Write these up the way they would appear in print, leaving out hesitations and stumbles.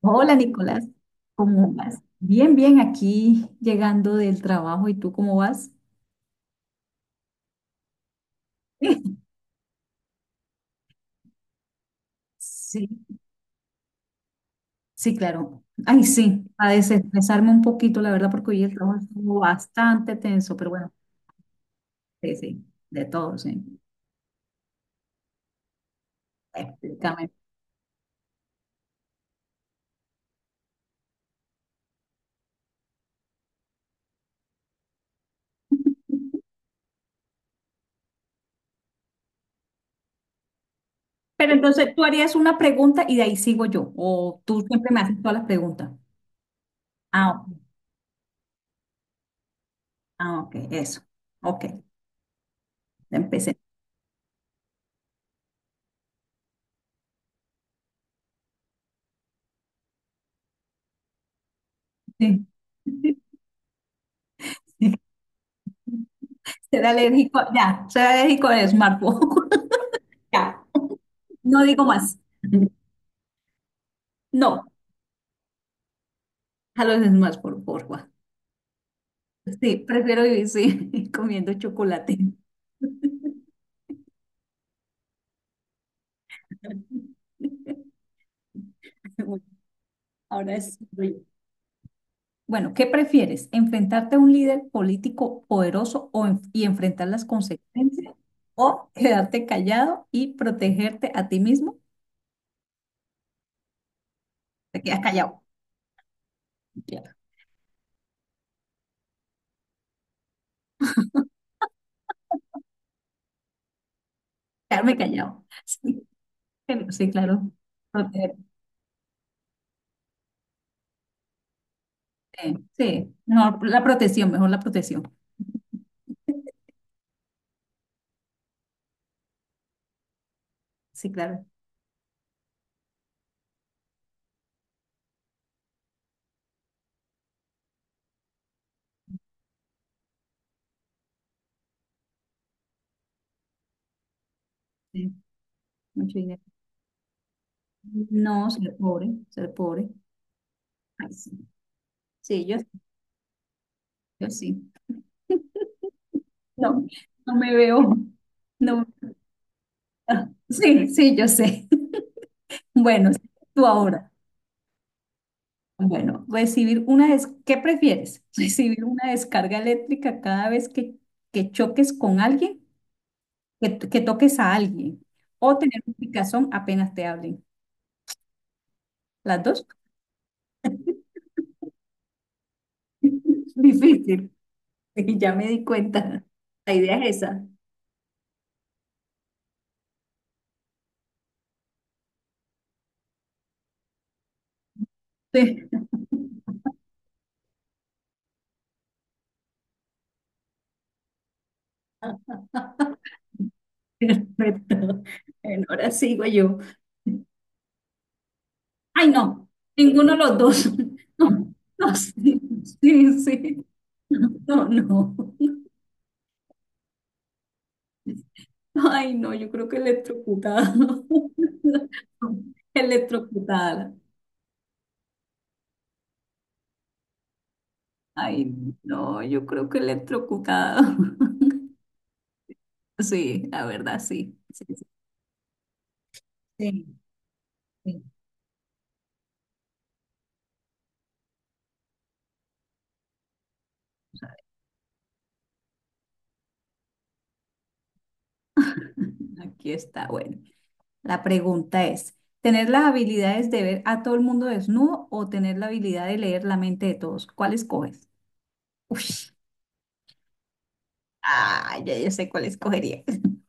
Hola Nicolás, ¿cómo vas? Bien, bien, aquí llegando del trabajo, ¿y tú cómo vas? Sí, sí, claro. Ay, sí, a desestresarme un poquito, la verdad, porque hoy el trabajo estuvo bastante tenso, pero bueno, sí, sí, de todo, sí. Explícame. Pero entonces tú harías una pregunta y de ahí sigo yo, o tú siempre me haces todas las preguntas. Ah, ok, ah, ok, eso. Ok, empecé. Sí. Ser alérgico, ya, ser alérgico al smartphone. No digo más. No, a los más, por favor. Juan. Sí, prefiero vivir sí, comiendo chocolate. Ahora es. Bueno, ¿qué prefieres? ¿Enfrentarte a un líder político poderoso o y enfrentar las consecuencias? ¿O quedarte callado y protegerte a ti mismo? Te quedas callado. Claro. Quedarme callado. Sí, sí, claro. Protegerte. Sí, mejor la protección, mejor la protección. Sí, claro. Sí, mucho dinero. No, ser pobre, ser pobre. Ay, sí. Sí, yo sí. No, no me veo. No. Ah, sí, sí, yo sé. Bueno, sí, tú ahora. Bueno, ¿Qué prefieres? ¿Recibir una descarga eléctrica cada vez que choques con alguien, que, que toques a alguien? ¿O tener un picazón apenas te hablen? Las dos. Difícil. Sí, ya me di cuenta. La idea es esa. Sí. Perfecto. Bueno, ahora sigo yo. Ay, no, ninguno de los dos. No, no, sí, sí, sí. No, no. Ay, no, yo creo que electrocutada. Electrocutada. Ay, no, yo creo que electrocutada. Sí, la verdad, sí. Sí, sí, sí. Sí. Aquí está, bueno. La pregunta es, ¿tener las habilidades de ver a todo el mundo desnudo o tener la habilidad de leer la mente de todos? ¿Cuál escoges? Uy, ya yo sé cuál escogería.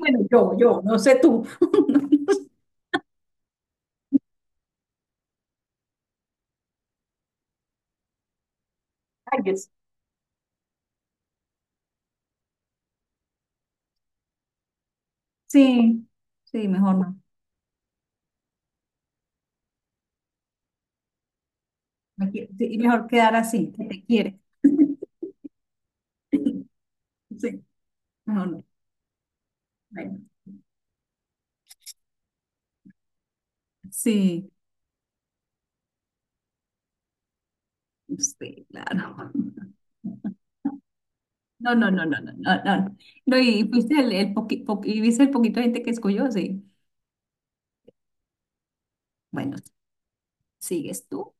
Bueno, yo no sé tú. Ay, Dios. Sí, sí, mejor no. Sí, mejor quedar así, que te quiere. Sí, mejor no. Bueno, sí, sí, claro. No, no, no, no, no, no, no. No, y fuiste el y viste el poquito de gente que escogió, sí. Bueno, sigues tú.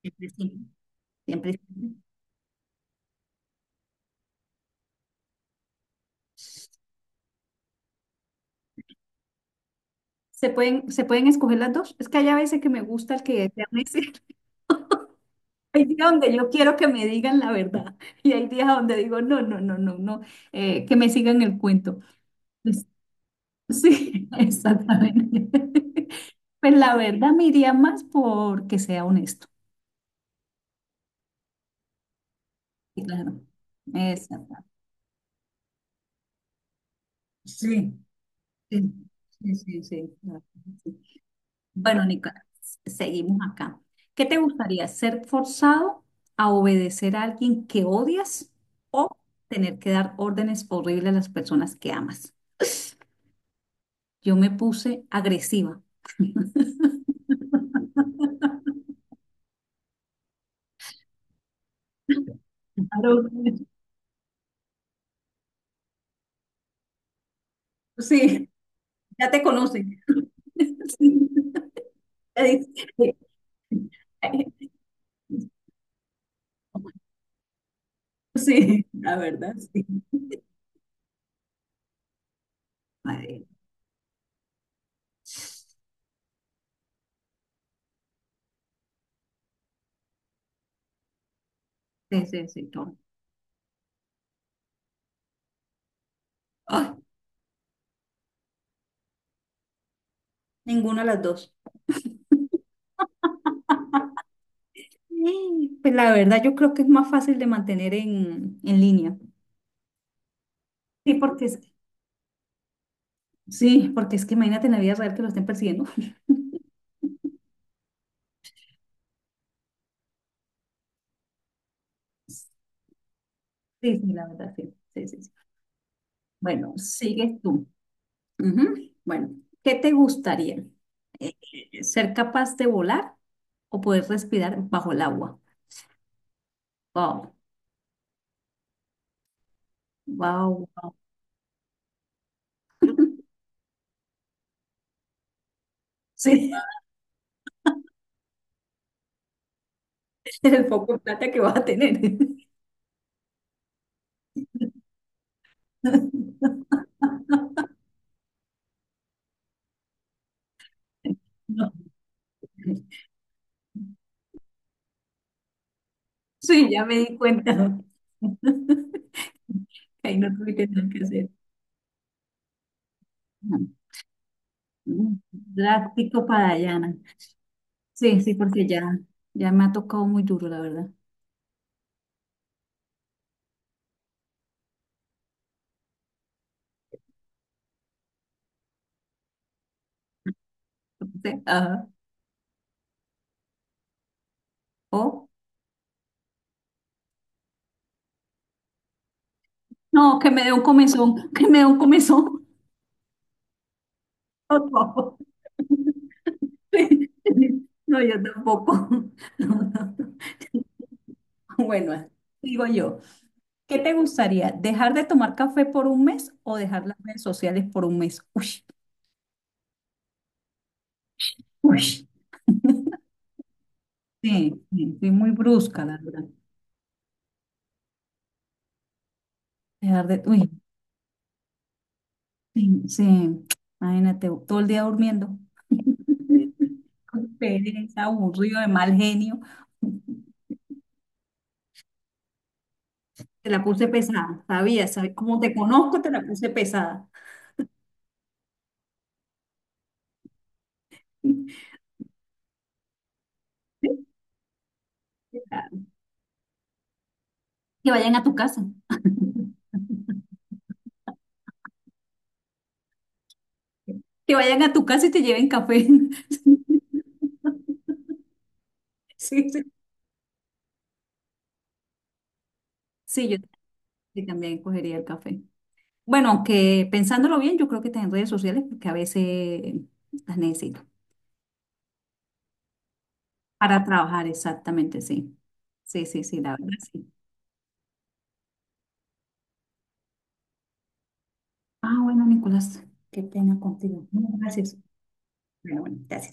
Siempre sí, siempre sí. Se pueden escoger las dos? Es que hay a veces que me gusta el que desean decir. Hay días donde yo quiero que me digan la verdad y hay días donde digo, no, no, no, no, no, que me sigan el cuento. Pues, sí, exactamente. Pues la verdad me iría más porque sea honesto. Sí, claro, exactamente. Sí, sí, sí, sí, sí, claro. Bueno, Nicolás, seguimos acá. ¿Qué te gustaría? ¿Ser forzado a obedecer a alguien que odias o tener que dar órdenes horribles a las personas que amas? Yo me puse agresiva. Claro, sí, ya te conocen. Sí, sí, la verdad, sí. Madre. Sí, sí, sí, todo. Ay, ninguna de las dos. Eh, Pues la verdad, yo creo que es más fácil de mantener en línea. Sí, porque es, sí, porque es que imagínate en la vida real que lo estén persiguiendo. Sí, sí, la verdad, sí. Sí, sí, sí. Bueno, sigues tú. Ujú. Bueno, ¿qué te gustaría? Eh, ¿Ser capaz de volar o poder respirar bajo el agua? Wow, wow, wow. Sí, el poco de plata que vas a tener. No. Sí, ya me di cuenta. Ahí no tuviste nada que hacer. Ujú. Drástico para allá. Sí, sí, porque ya, ya me ha tocado muy duro, la verdad. Sí, ajá. O, no, que me dé un comezón, que me dé un comezón. Por favor. Sí, sí. No, yo tampoco. No, no, no. Bueno, digo yo, ¿qué te gustaría? ¿Dejar de tomar café por un mes o dejar las redes sociales por un mes? Uy, uy. Sí, sí, fui muy brusca, la verdad. Dejar de, uy, sí, sí. Imagínate, todo el día durmiendo. Pereza, aburrido, de mal genio. Te la puse pesada, sabía, sabía. Como te conozco, te la puse pesada. Que vayan a tu casa. Que vayan a tu casa y te lleven café. Sí, sí. Sí, yo sí también cogería el café. Bueno, aunque pensándolo bien, yo creo que está en redes sociales porque a veces las necesito. Para trabajar, exactamente, sí. Sí, sí, sí, la verdad, sí. Ah, bueno, Nicolás, qué pena contigo. No, gracias. Bueno, bueno, gracias.